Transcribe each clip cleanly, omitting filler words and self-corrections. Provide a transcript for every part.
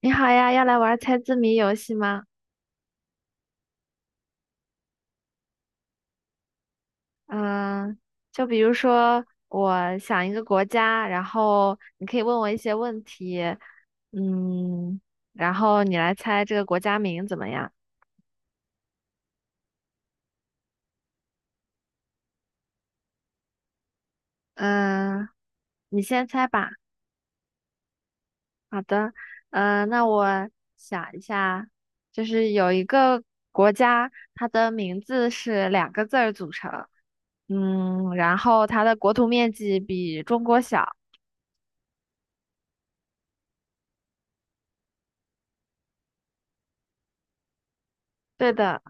你好呀，要来玩猜字谜游戏吗？嗯，就比如说我想一个国家，然后你可以问我一些问题，嗯，然后你来猜这个国家名怎么样？嗯，你先猜吧。好的，那我想一下，就是有一个国家，它的名字是两个字儿组成，然后它的国土面积比中国小。对的。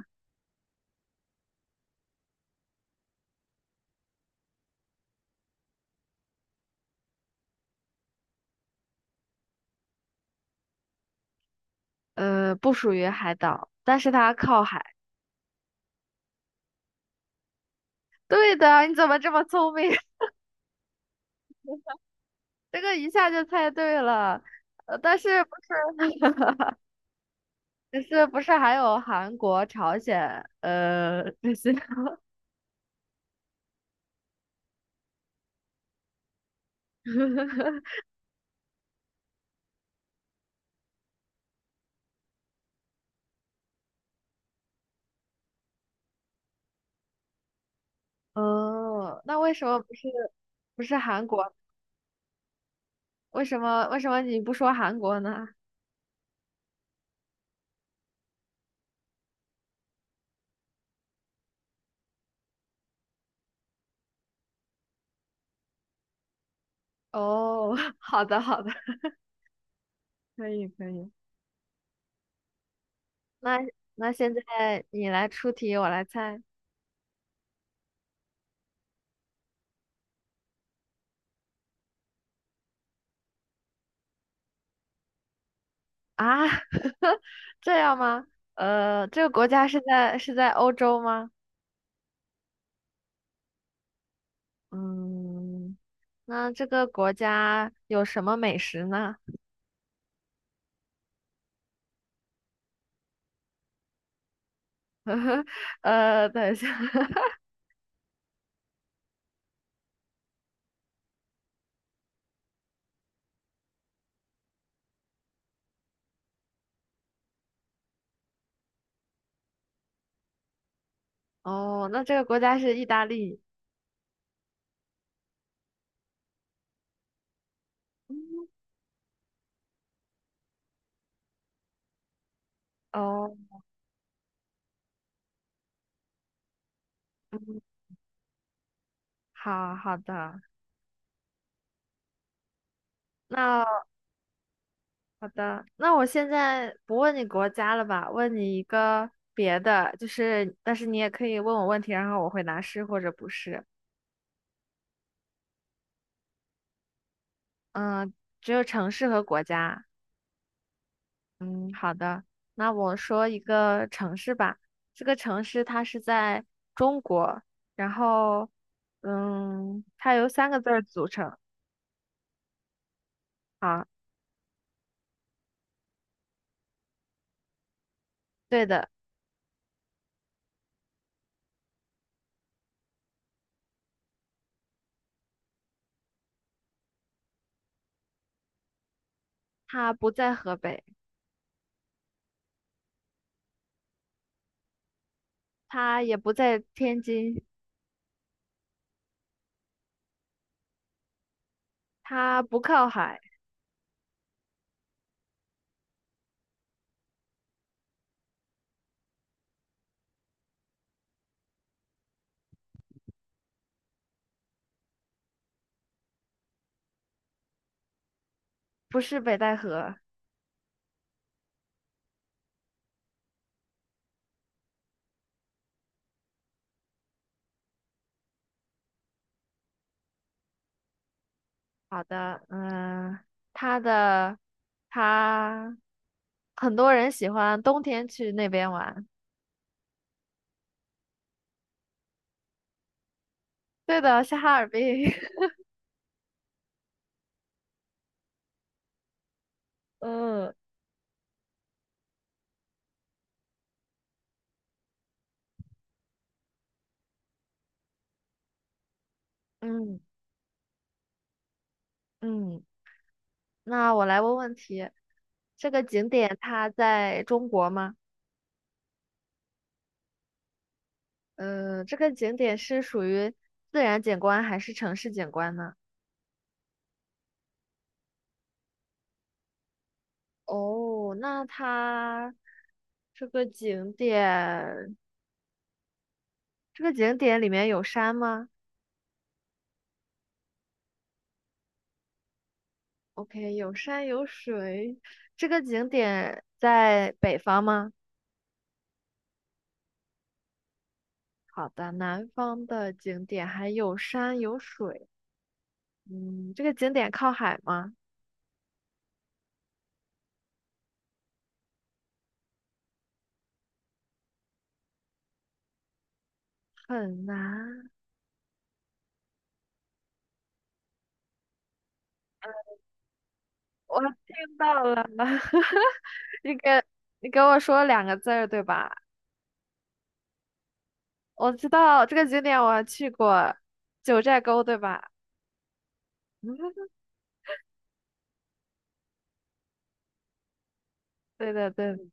不属于海岛，但是它靠海。对的，你怎么这么聪明？这个一下就猜对了。但是不是，只是不是还有韩国、朝鲜，这些？哦，那为什么不是韩国？为什么你不说韩国呢？哦，好的好的，可以可以。那那现在你来出题，我来猜啊？这样吗？呃，这个国家是在欧洲吗？嗯，那这个国家有什么美食呢？呃，等一下，哦，那这个国家是意大利。嗯哦，嗯，好好的，那好的，那我现在不问你国家了吧，问你一个别的，就是，但是你也可以问我问题，然后我回答是或者不是。嗯，只有城市和国家。嗯，好的，那我说一个城市吧。这个城市它是在中国，然后，嗯，它由三个字儿组成啊。对的，它不在河北，它也不在天津，它不靠海，不是北戴河。好的，它的它很多人喜欢冬天去那边玩。对的，是哈尔滨。嗯嗯嗯。那我来问问题，这个景点它在中国吗？呃，这个景点是属于自然景观还是城市景观呢？哦，这个景点，这个景点里面有山吗？OK，有山有水。这个景点在北方吗？好的，南方的景点还有山有水。嗯，这个景点靠海吗？很难。我听到了，你给你给我说两个字儿对吧？我知道这个景点我还去过，九寨沟对吧？对对对的，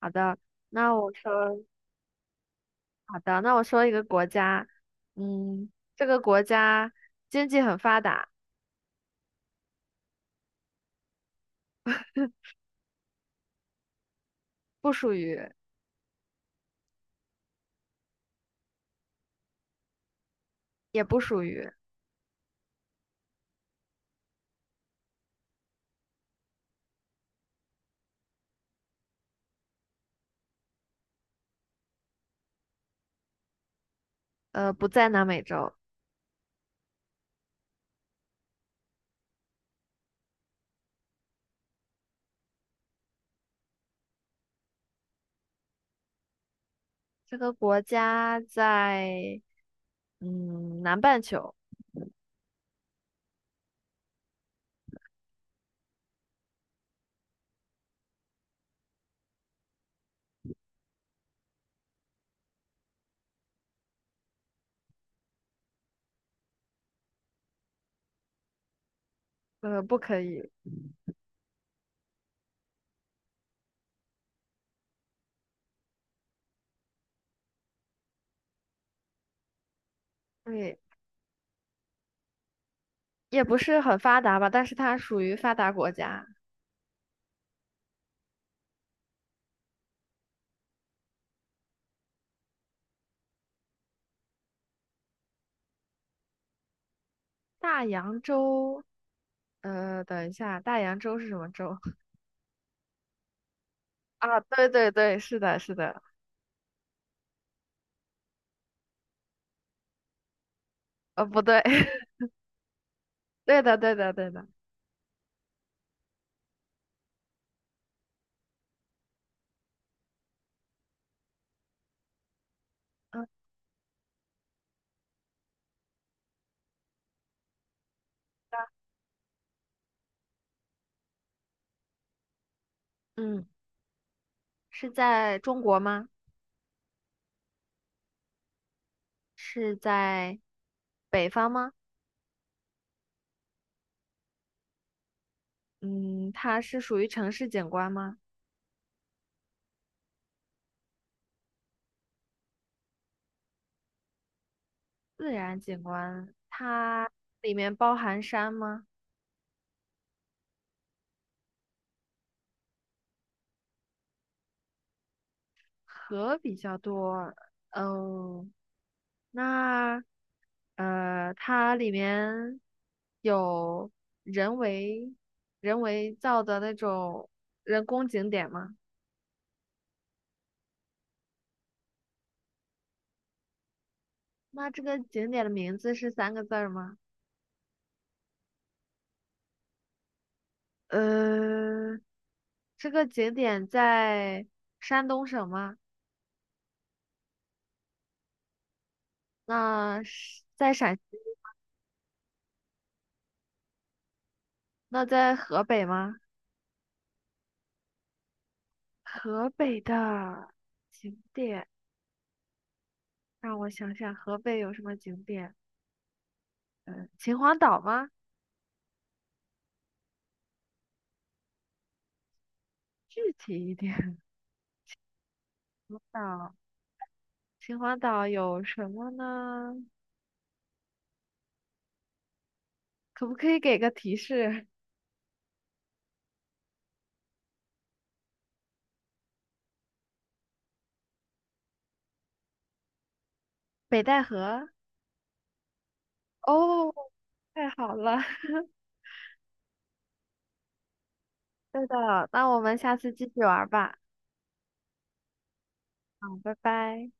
好的，那我说好的，那我说一个国家，嗯，这个国家经济很发达，不属于也不属于，呃，不在南美洲，这个国家在嗯南半球，呃，不可以，对。也不是很发达吧，但是它属于发达国家。大洋洲，呃，等一下，大洋洲是什么洲 啊？对对对，是的，是的，呃，不对，对的，对的，对的，嗯嗯，是在中国吗？是在北方吗？嗯，它是属于城市景观吗？自然景观，它里面包含山吗？河比较多，嗯、那它里面有人为人为造的那种人工景点吗？那这个景点的名字是三个字儿吗？呃，这个景点在山东省吗？那是在陕西？那在河北吗？河北的景点，让我想想，河北有什么景点？嗯，秦皇岛吗？具体一点。岛。秦皇岛有什么呢？可不可以给个提示？北戴河。哦，太好了，对的，那我们下次继续玩吧。好，拜拜。